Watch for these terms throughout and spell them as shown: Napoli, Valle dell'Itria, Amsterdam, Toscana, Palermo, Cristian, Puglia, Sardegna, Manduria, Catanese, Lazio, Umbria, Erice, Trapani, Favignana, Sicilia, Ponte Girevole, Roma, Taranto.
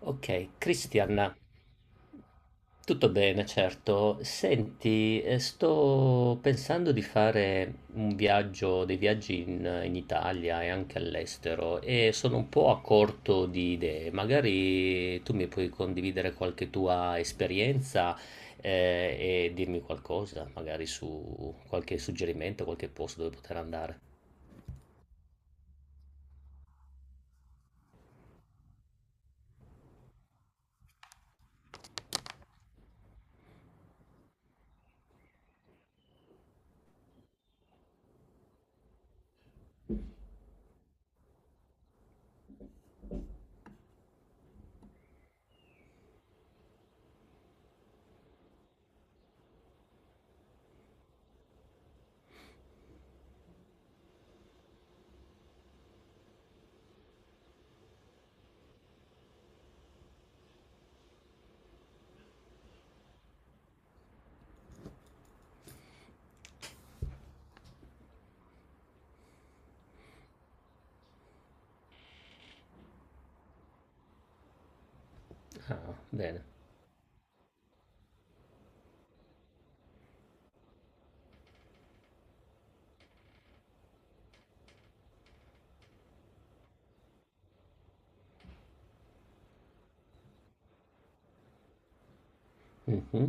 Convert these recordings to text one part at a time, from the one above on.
Ok, Cristian, tutto bene, certo. Senti, sto pensando di fare un viaggio, dei viaggi in Italia e anche all'estero e sono un po' a corto di idee. Magari tu mi puoi condividere qualche tua esperienza, e dirmi qualcosa, magari su qualche suggerimento, qualche posto dove poter andare. Ah, bene. Mhm.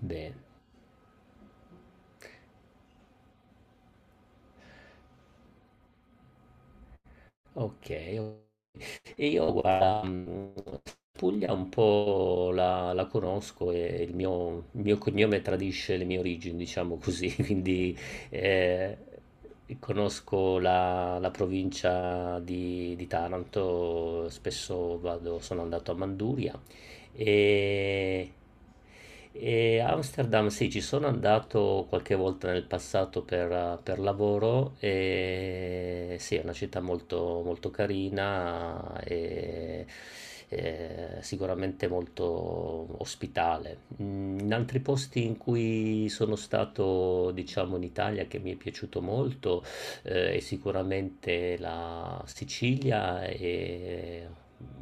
Bene. Okay, o e io guarda, Puglia un po' la conosco e il mio cognome tradisce le mie origini, diciamo così, quindi, ehm, conosco la provincia di Taranto, spesso vado sono andato a Manduria e, e Amsterdam, sì, ci sono andato qualche volta nel passato per lavoro e sì, è una città molto, molto carina e, sicuramente molto ospitale. In altri posti in cui sono stato, diciamo, in Italia che mi è piaciuto molto è sicuramente la Sicilia e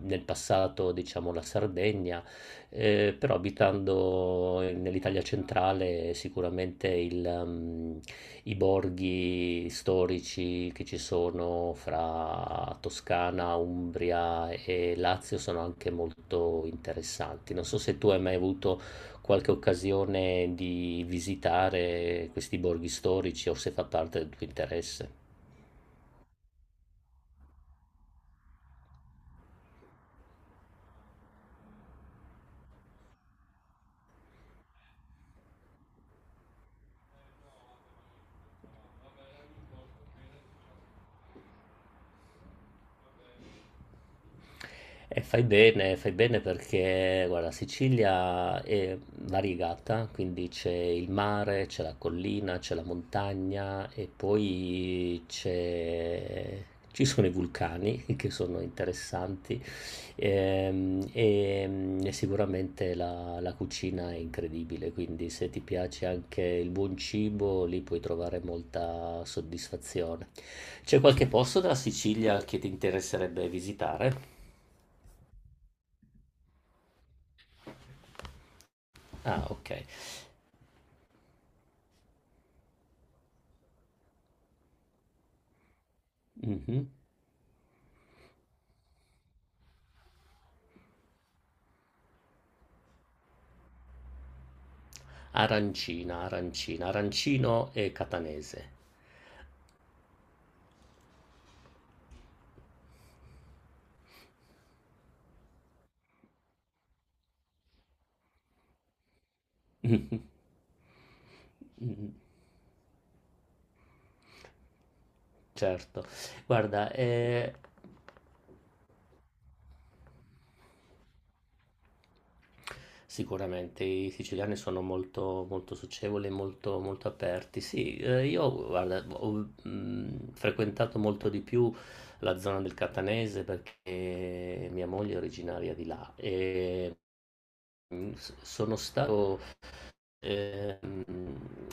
nel passato, diciamo, la Sardegna però abitando nell'Italia centrale sicuramente i borghi storici che ci sono fra Toscana, Umbria e Lazio sono anche molto interessanti. Non so se tu hai mai avuto qualche occasione di visitare questi borghi storici o se fa parte del tuo interesse. E fai bene perché, guarda, Sicilia è variegata, quindi c'è il mare, c'è la collina, c'è la montagna e poi ci sono i vulcani che sono interessanti e sicuramente la cucina è incredibile, quindi se ti piace anche il buon cibo, lì puoi trovare molta soddisfazione. C'è qualche posto della Sicilia che ti interesserebbe visitare? Ah, ok. Mhm. Arancina, arancina, arancino e catanese. Mhm. Mhm. Certo. Guarda, sicuramente i siciliani sono molto, molto socievoli, e molto, molto aperti. Sì, io guarda, ho frequentato molto di più la zona del Catanese perché mia moglie è originaria di là e sono stato Ehm,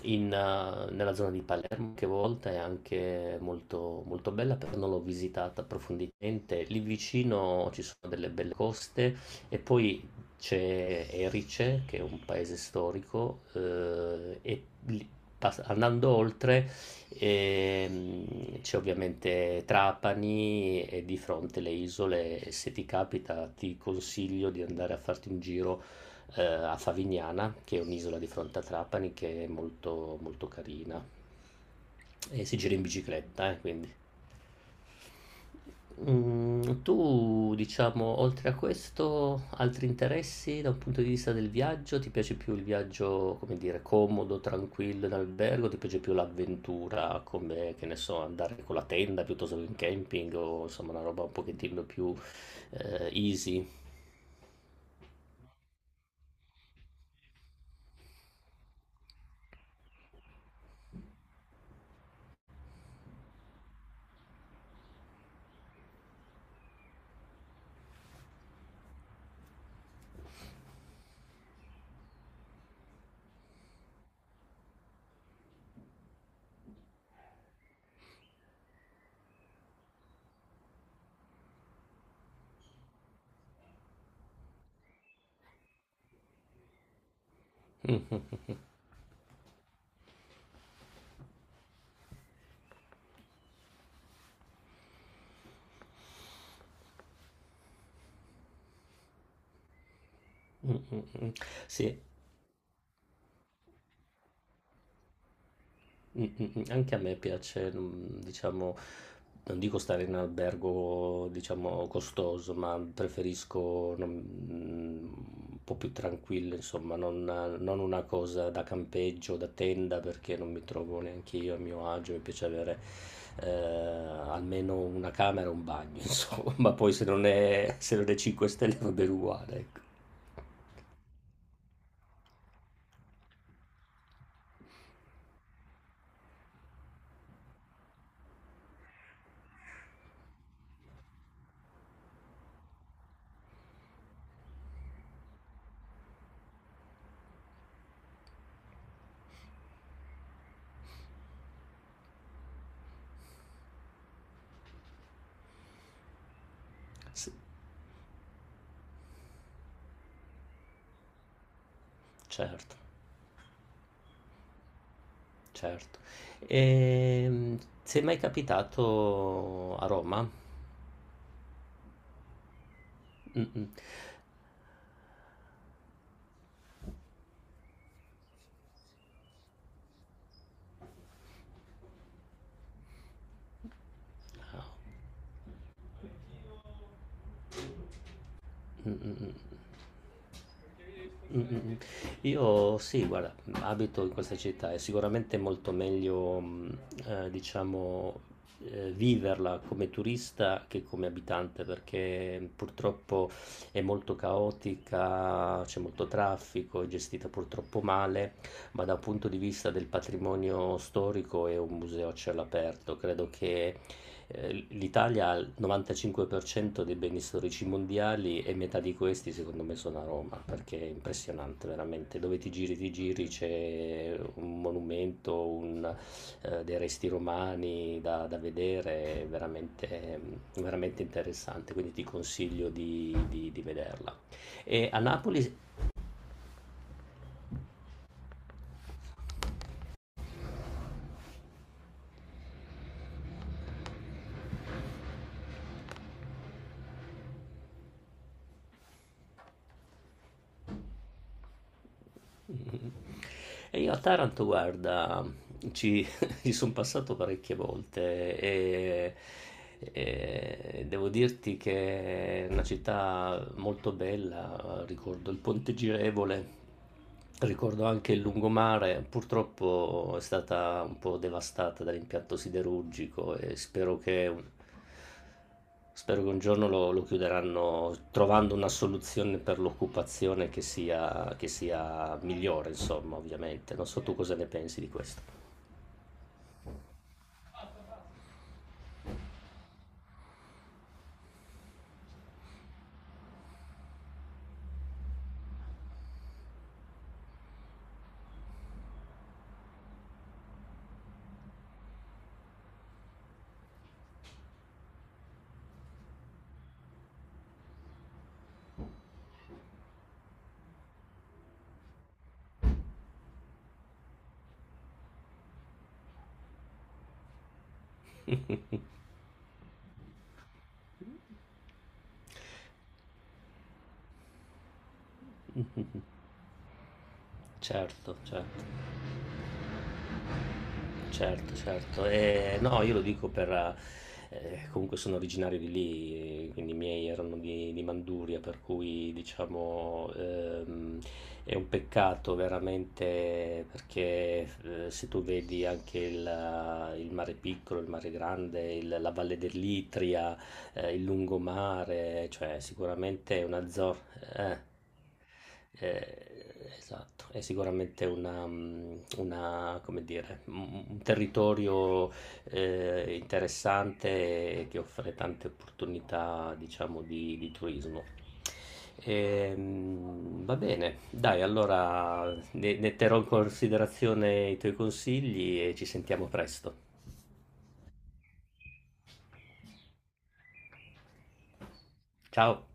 nella zona di Palermo, che a volte è anche molto, molto bella, però non l'ho visitata approfonditamente. Lì vicino ci sono delle belle coste e poi c'è Erice, che è un paese storico, e andando oltre c'è ovviamente Trapani e di fronte le isole. Se ti capita, ti consiglio di andare a farti un giro a Favignana, che è un'isola di fronte a Trapani che è molto, molto carina e si gira in bicicletta, quindi. Tu, diciamo, oltre a questo, altri interessi da un punto di vista del viaggio? Ti piace più il viaggio, come dire, comodo, tranquillo in albergo? Ti piace più l'avventura, come, che ne so, andare con la tenda piuttosto che in camping o insomma una roba un pochettino più easy? Mm, mm, mm, mm. Sì, mm, mm, mm. Anche a me piace, diciamo, non dico stare in albergo, diciamo, costoso, ma preferisco mm, un po' più tranquillo, insomma, non, non una cosa da campeggio, da tenda, perché non mi trovo neanche io a mio agio, mi piace avere almeno una camera e un bagno, insomma, poi se non è 5 stelle va bene uguale, ecco. Sì, certo. Certo. Ehm, sei mai capitato a Roma? Mm-mm. Mm-mm. Mm-mm. Io sì, guarda, abito in questa città, è sicuramente molto meglio, diciamo, viverla come turista che come abitante, perché purtroppo è molto caotica, c'è molto traffico, è gestita purtroppo male, ma dal punto di vista del patrimonio storico è un museo a cielo aperto. Credo che l'Italia ha il 95% dei beni storici mondiali e metà di questi secondo me sono a Roma, perché è impressionante veramente, dove ti giri c'è un monumento, dei resti romani da vedere, è veramente, veramente interessante, quindi ti consiglio di vederla. E a Napoli Mhm. E io a Taranto, guarda, ci, ci sono passato parecchie volte e devo dirti che è una città molto bella, ricordo il Ponte Girevole, ricordo anche il lungomare, purtroppo è stata un po' devastata dall'impianto siderurgico e spero che un giorno lo chiuderanno trovando una soluzione per l'occupazione che sia migliore, insomma, ovviamente. Non so tu cosa ne pensi di questo. Certo, certo. Certo, certo. No, io lo dico per comunque sono originario di lì, quindi i miei erano di Manduria, per cui diciamo, è un peccato veramente perché, se tu vedi anche il mare piccolo, il mare grande, il la Valle dell'Itria, il lungomare, cioè sicuramente una zona... Eh, eh, esatto, è sicuramente una, come dire, un territorio interessante e che offre tante opportunità, diciamo, di turismo. Va bene, dai, allora ne terrò in considerazione i tuoi consigli e ci sentiamo presto. Ciao!